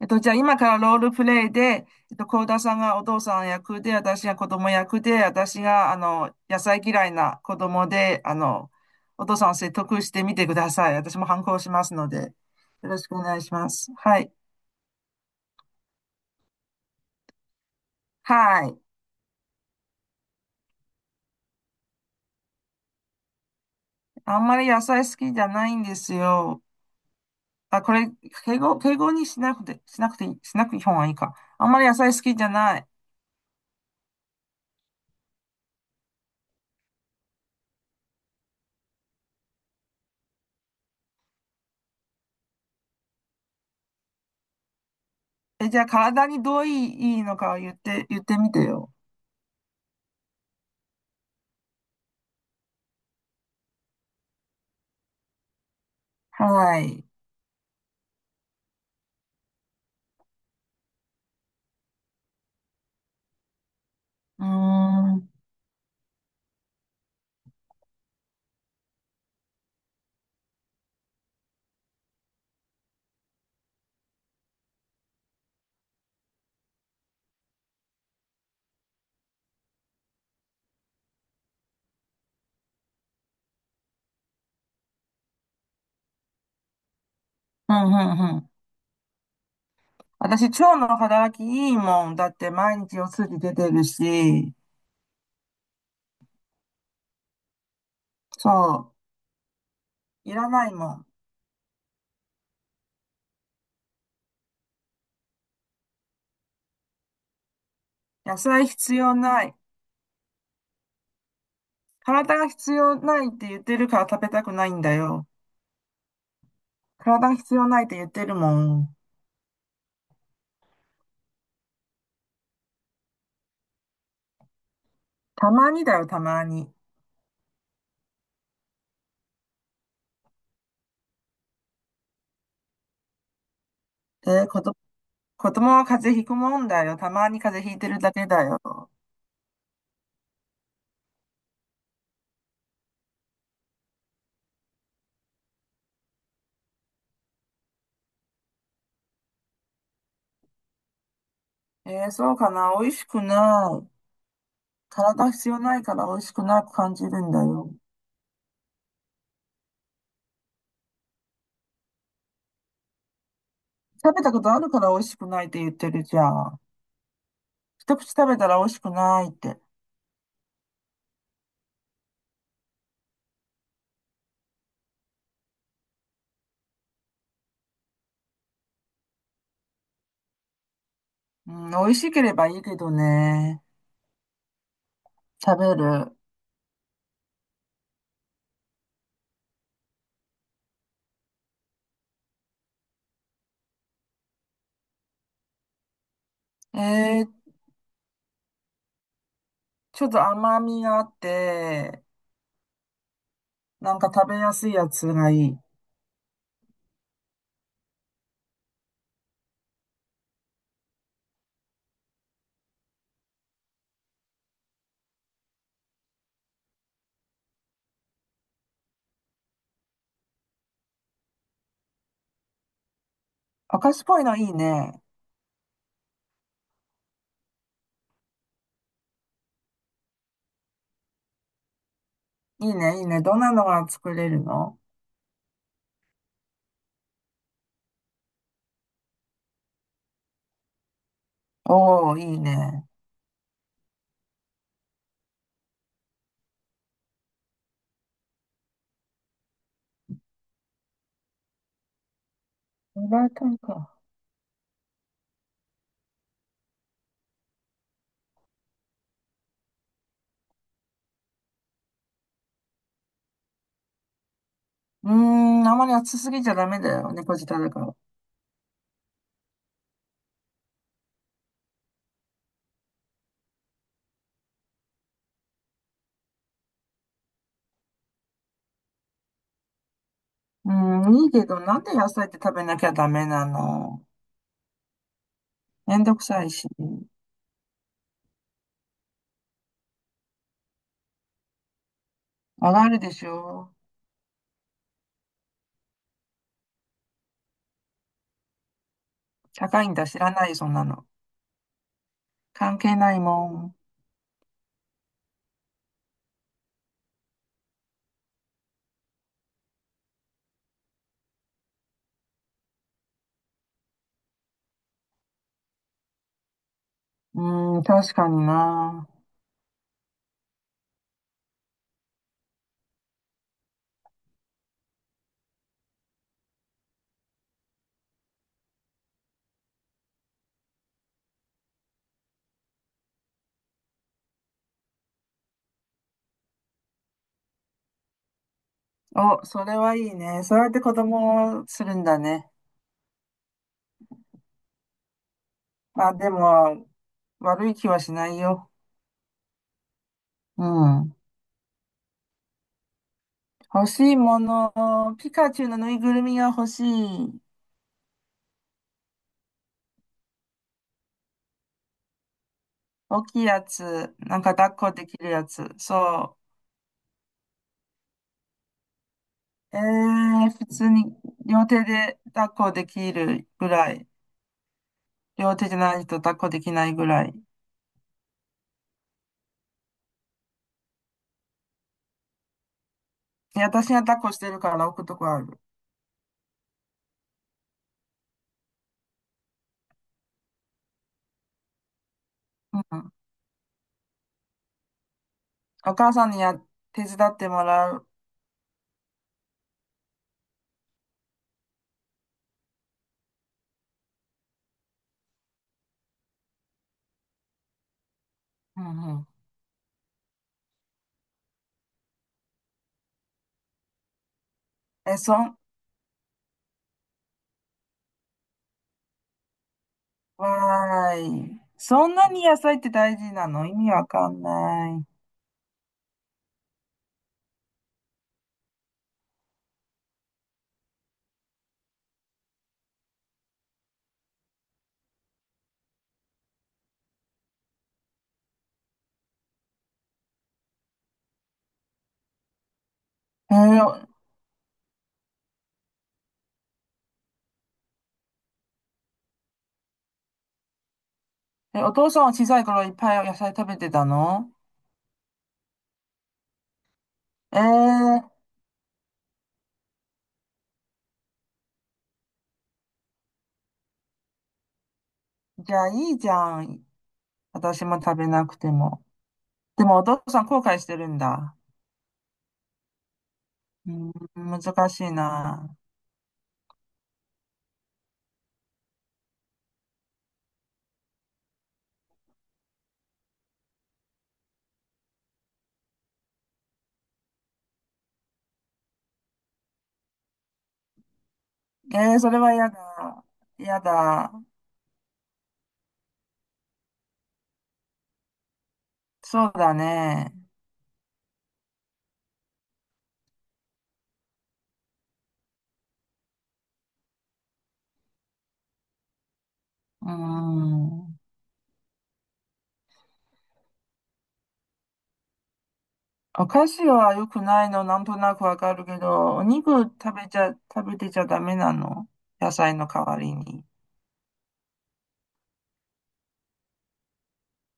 じゃあ今からロールプレイで、幸田さんがお父さん役で、私が子供役で、私が、野菜嫌いな子供で、お父さんを説得してみてください。私も反抗しますので、よろしくお願いします。はい。はい。あんまり野菜好きじゃないんですよ。あ、これ、敬語にしなくて、しなくていい方がいいか。あんまり野菜好きじゃない。え、じゃあ体にどういいのかを言ってみてよ。はい。うーん。うん、うん、うん。私、腸の働きいいもん。だって毎日お通じ出てるし、そう、いらないもん。野菜必要ない。体が必要ないって言ってるから食べたくないんだよ。体が必要ないって言ってるもん。たまにだよ、たまに。えー、こと、子供は風邪ひくもんだよ。たまに風邪ひいてるだけだよ。えー、そうかな。美味しくない。体必要ないから美味しくなく感じるんだよ。食べたことあるから美味しくないって言ってるじゃん。一口食べたら美味しくないって。うん、美味しければいいけどね。食べる。えー、ちょっと甘みがあって、なんか食べやすいやつがいい。赤石っぽいのいいね。いいね、いいね。どんなのが作れるの？おー、いいね。フライパンか。うーん、あまり熱すぎちゃダメだよ。猫舌だから。うん、いいけど、なんで野菜って食べなきゃダメなの？めんどくさいし。わかるでしょ？高いんだ、知らないよ、そんなの。関係ないもん。うん、確かにな。お、それはいいね。そうやって子供をするんだね。まあでも、悪い気はしないよ。うん。欲しいもの。ピカチュウのぬいぐるみが欲しい。大きいやつ。なんか抱っこできるやつ。そう。ええ普通に両手で抱っこできるぐらい。両手じゃないと抱っこできないぐらい。で、私が抱っこしてるから置くとこある。うん。お母さんに、手伝ってもらう。うんうん。え、そん、わーい。そんなに野菜って大事なの？意味わかんない。えーおお父さんは小さい頃いっぱい野菜食べてたの？えー、じゃあいいじゃん。私も食べなくても。でもお父さん後悔してるんだ。うん、難しいな。えー、それは嫌だ。嫌だ。そうだね。うん。お菓子は良くないの、なんとなくわかるけど、お肉食べてちゃダメなの？野菜の代わりに。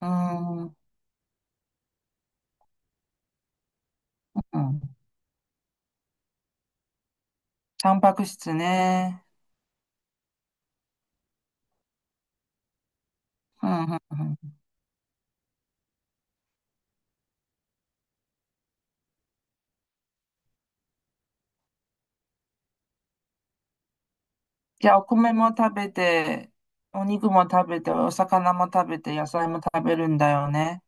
うん。うん。タンパク質ね。うん、うん、うん。じゃあ、お米も食べて、お肉も食べて、お魚も食べて、野菜も食べるんだよね。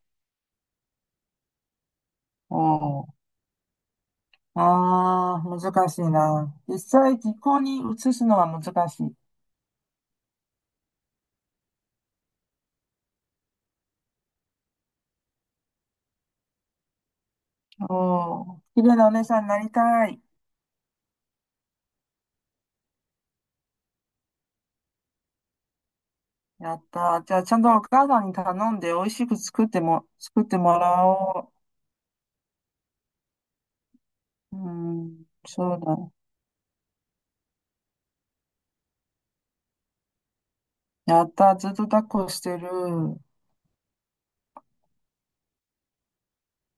おー、ああ、難しいな。実際、実行に移すのは難しい。おー、綺麗なお姉さんになりたい。やったー。じゃあ、ちゃんとお母さんに頼んで、美味しく作ってもらおう。うん、そうだ。やったー。ずっと抱っこしてる。